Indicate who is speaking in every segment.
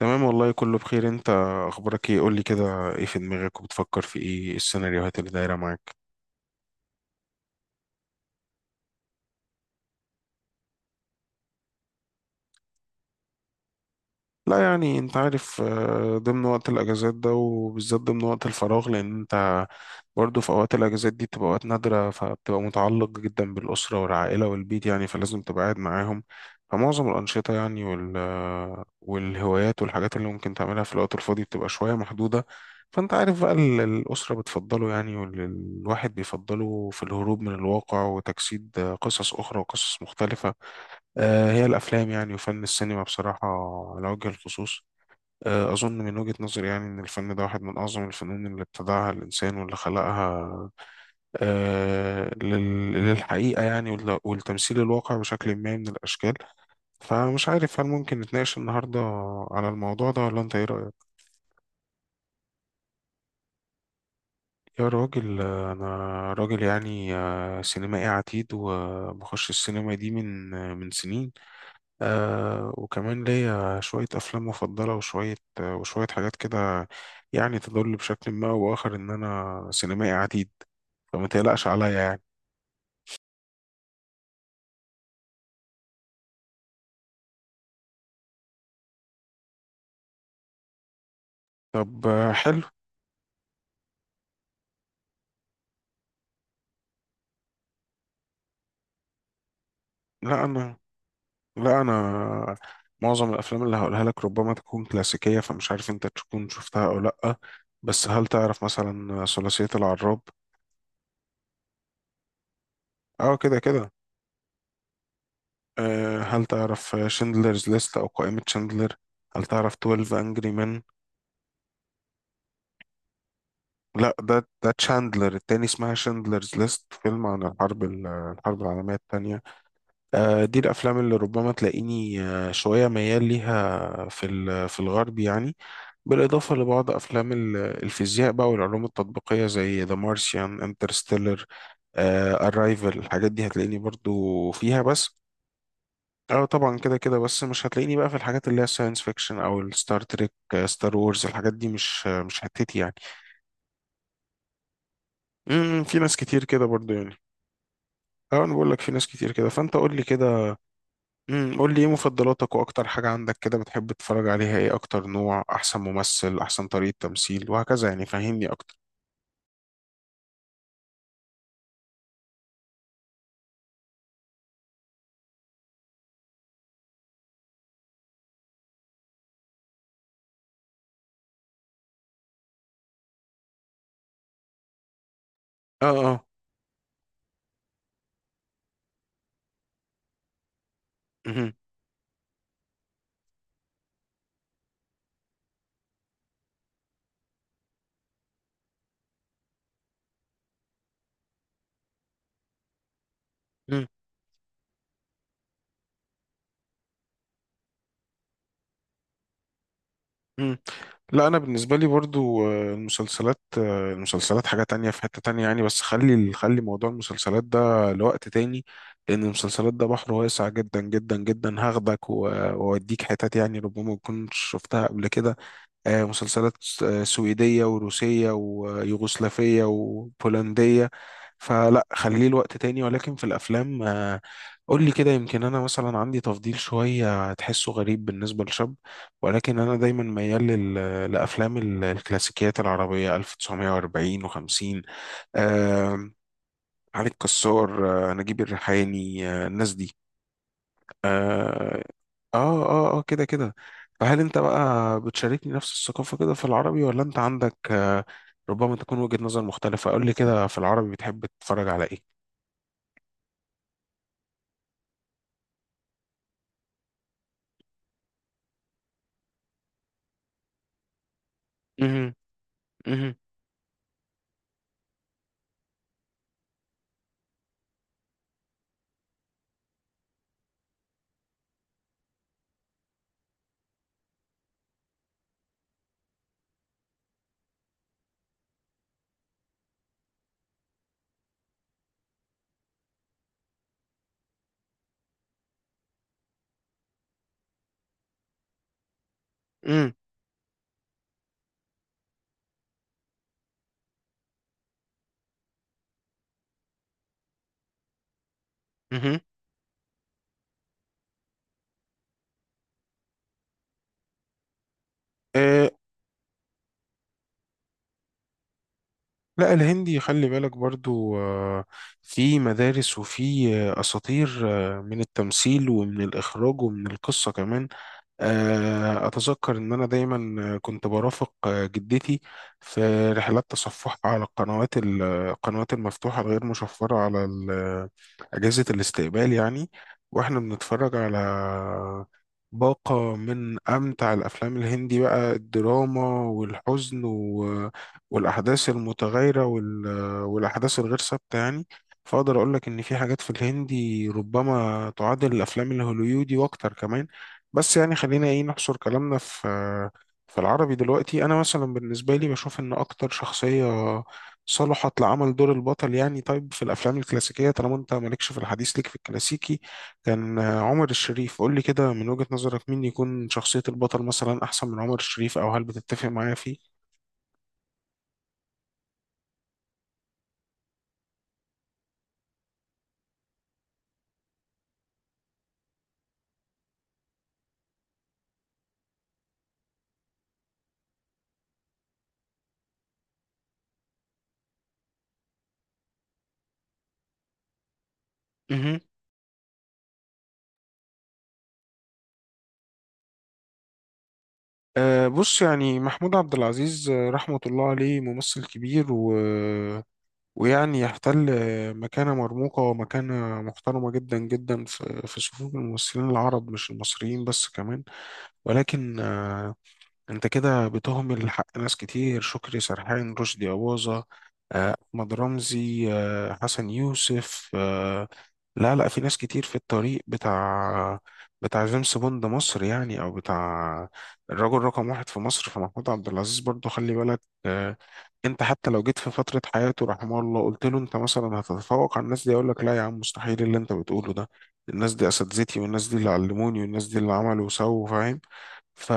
Speaker 1: تمام والله، كله بخير. انت اخبارك ايه؟ قول لي كده، ايه في دماغك؟ وبتفكر في ايه؟ السيناريوهات اللي دايره معاك. لا يعني انت عارف، ضمن وقت الاجازات ده، وبالذات ضمن وقت الفراغ، لان انت برضه في اوقات الاجازات دي بتبقى اوقات نادره، فبتبقى متعلق جدا بالاسره والعائله والبيت يعني، فلازم تبقى قاعد معاهم. فمعظم الانشطه يعني والهوايات والحاجات اللي ممكن تعملها في الوقت الفاضي بتبقى شويه محدوده. فانت عارف بقى الاسره بتفضله يعني، والواحد بيفضله في الهروب من الواقع وتجسيد قصص اخرى وقصص مختلفه. هي الأفلام يعني، وفن السينما بصراحة على وجه الخصوص. أظن من وجهة نظري يعني إن الفن ده واحد من أعظم الفنون اللي ابتدعها الإنسان واللي خلقها، للحقيقة يعني والتمثيل الواقع بشكل ما من الأشكال. فمش عارف، هل ممكن نتناقش النهاردة على الموضوع ده، ولا أنت إيه رأيك؟ يا راجل، أنا راجل يعني، سينمائي عتيد، وبخش السينما دي من سنين. وكمان ليا شوية أفلام مفضلة، وشوية حاجات كده، يعني تدل بشكل ما أو بآخر إن أنا سينمائي عديد. فما تقلقش عليا يعني. طب حلو. لا أنا لا أنا معظم الأفلام اللي هقولها لك ربما تكون كلاسيكية، فمش عارف أنت تكون شفتها أو لأ. بس هل تعرف مثلا ثلاثية العراب؟ أه كده كده. آه، هل تعرف شندلرز ليست أو قائمة شندلر؟ هل تعرف 12 أنجري مان؟ لا، ده تشاندلر التاني، اسمها شاندلرز ليست، فيلم عن الحرب العالمية التانية. دي الأفلام اللي ربما تلاقيني شوية ميال ليها في الغرب يعني. بالإضافة لبعض أفلام الفيزياء بقى، والعلوم التطبيقية، زي ذا مارسيان، انترستيلر، أرايفل. الحاجات دي هتلاقيني برضو فيها بس. اه طبعا كده كده. بس مش هتلاقيني بقى في الحاجات اللي هي ساينس فيكشن، او الستار تريك، ستار وورز. الحاجات دي مش حتتي يعني. في ناس كتير كده برضو يعني. اه، انا بقول لك في ناس كتير كده، فانت قول لي كده. قول لي ايه مفضلاتك، واكتر حاجه عندك كده بتحب تتفرج عليها ايه، اكتر نوع، احسن ممثل، احسن طريقه تمثيل، وهكذا يعني. فهمني اكتر. اه اه. مهم. مم. مم. لا انا بالنسبه لي برضو، المسلسلات حاجه تانية في حته تانية يعني. بس خلي موضوع المسلسلات ده لوقت تاني، لان المسلسلات ده بحر واسع جدا جدا جدا، هاخدك واوديك حتت يعني ربما ما تكونش شفتها قبل كده. مسلسلات سويدية وروسية ويوغوسلافية وبولندية. فلا خليه الوقت تاني. ولكن في الأفلام، قول لي كده، يمكن أنا مثلا عندي تفضيل شوية تحسه غريب بالنسبة لشاب، ولكن أنا دايما ميال لأفلام الكلاسيكيات العربية 1940 و50، علي الكسار، نجيب الريحاني، الناس دي. آه، اه اه اه كده كده. فهل انت بقى بتشاركني نفس الثقافة كده في العربي، ولا انت عندك، ربما تكون وجهة نظر مختلفة. قول لي كده في العربي بتحب تتفرج على ايه؟ مهم. مهم. مهم. مهم. آه، لا الهندي، خلي بالك برضو، في مدارس، وفي أساطير، من التمثيل، ومن الإخراج، ومن القصة كمان. أتذكر إن أنا دايما كنت برافق جدتي في رحلات تصفحها على القنوات المفتوحة الغير مشفرة على أجهزة الاستقبال يعني. وإحنا بنتفرج على باقة من أمتع الأفلام الهندي بقى، الدراما والحزن والأحداث المتغيرة والأحداث الغير ثابتة يعني. فأقدر أقول لك إن في حاجات في الهندي ربما تعادل الأفلام الهوليودي وأكتر كمان. بس يعني خلينا ايه نحصر كلامنا في العربي دلوقتي. انا مثلا بالنسبه لي بشوف ان اكتر شخصيه صلحت لعمل دور البطل يعني، طيب في الافلام الكلاسيكيه طالما انت مالكش في الحديث، ليك في الكلاسيكي، كان عمر الشريف. قول لي كده من وجهه نظرك مين يكون شخصيه البطل مثلا احسن من عمر الشريف، او هل بتتفق معايا فيه؟ مهم. أه بص، يعني محمود عبد العزيز، رحمة الله عليه، ممثل كبير، ويعني يحتل مكانة مرموقة ومكانة محترمة جدا جدا في صفوف الممثلين العرب، مش المصريين بس، كمان. ولكن انت كده بتهمل حق ناس كتير: شكري سرحان، رشدي أباظة، أحمد رمزي، حسن يوسف. لا لا، في ناس كتير في الطريق بتاع جيمس بوند مصر يعني، أو بتاع الرجل رقم واحد في مصر، في محمود عبد العزيز برضه، خلي بالك. آه، انت حتى لو جيت في فترة حياته رحمه الله قلت له انت مثلا هتتفوق على الناس دي، يقول لك لا يا عم، مستحيل اللي انت بتقوله ده، الناس دي اساتذتي، والناس دي اللي علموني، والناس دي اللي عملوا وسووا، فاهم. ف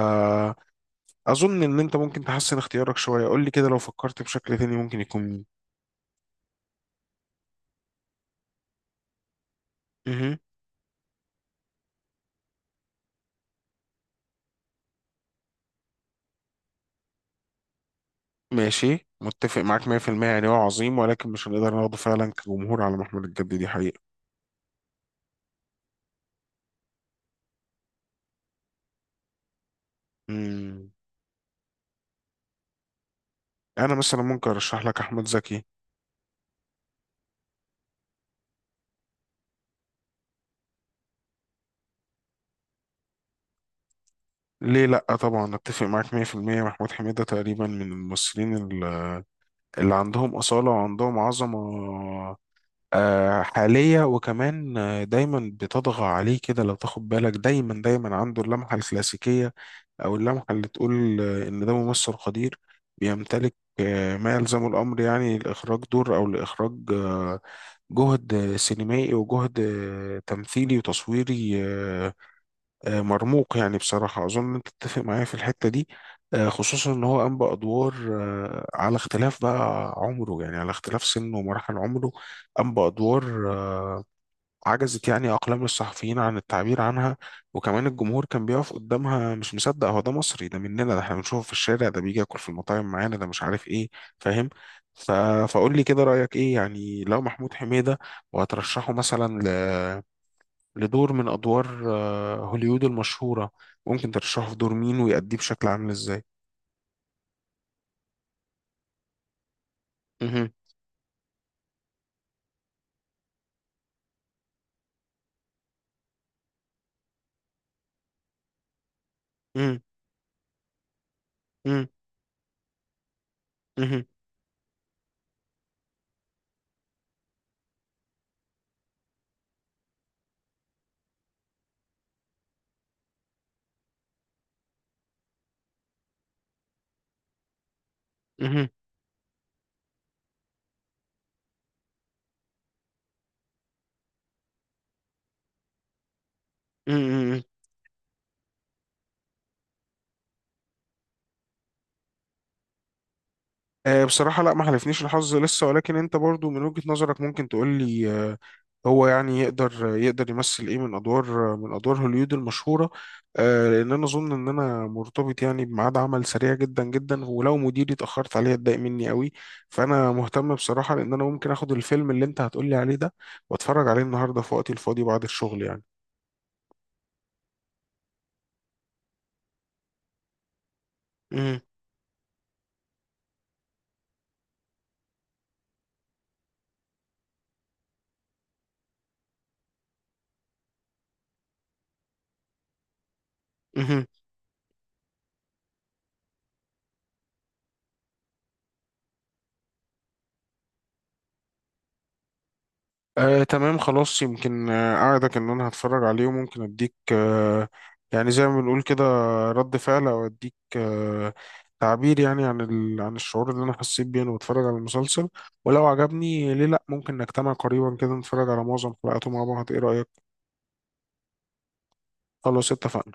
Speaker 1: اظن ان انت ممكن تحسن اختيارك شويه. قول لي كده، لو فكرت بشكل تاني، ممكن يكون مين؟ مهم. ماشي، متفق معاك 100%، يعني هو عظيم، ولكن مش هنقدر ناخده فعلا كجمهور على محمل الجد، دي حقيقه. مم. انا مثلا ممكن ارشح لك احمد زكي. ليه لا، طبعا اتفق معاك 100%. محمود حميده تقريبا من الممثلين اللي عندهم اصاله وعندهم عظمه، حاليه. وكمان دايما بتطغى عليه كده لو تاخد بالك، دايما دايما عنده اللمحه الكلاسيكيه، أو اللمحة اللي تقول إن ده ممثل قدير، بيمتلك ما يلزم الأمر يعني، لإخراج دور، أو لإخراج جهد سينمائي، وجهد تمثيلي وتصويري، مرموق يعني بصراحة. أظن أنت تتفق معايا في الحتة دي. خصوصا إن هو قام بأدوار على اختلاف بقى عمره، يعني على اختلاف سنه ومراحل عمره، قام بأدوار عجزت يعني أقلام الصحفيين عن التعبير عنها، وكمان الجمهور كان بيقف قدامها مش مصدق، هو ده مصري؟ ده مننا؟ ده احنا بنشوفه في الشارع؟ ده بيجي ياكل في المطاعم معانا؟ ده مش عارف ايه. فاهم. ف... فقول لي كده رأيك ايه يعني، لو محمود حميدة وهترشحه مثلا لدور من أدوار هوليوود المشهورة، ممكن ترشحه في دور مين، ويأديه بشكل عامل ازاي؟ مهم. مهم. مهم. مهم. مهم. مهم. بصراحة لا، ما حالفنيش الحظ لسه. ولكن انت برضو من وجهة نظرك ممكن تقول لي هو يعني يقدر يمثل ايه من ادوار، من ادوار هوليوود المشهورة؟ لان انا اظن ان انا مرتبط يعني بميعاد عمل، سريع جدا جدا، ولو مديري اتأخرت عليه اتضايق مني قوي. فانا مهتم بصراحة، لان انا ممكن اخد الفيلم اللي انت هتقول لي عليه ده، واتفرج عليه النهاردة في وقتي الفاضي بعد الشغل يعني. مهم. مهم. تمام خلاص، يمكن أعدك إن أنا هتفرج عليه، وممكن أديك يعني زي ما بنقول كده، رد فعل، أو أديك تعبير يعني عن عن الشعور اللي أنا حسيت بيه وأنا بتفرج على المسلسل. ولو عجبني، ليه لأ، ممكن نجتمع قريبا كده نتفرج على معظم حلقاته مع بعض، إيه رأيك؟ خلاص اتفقنا.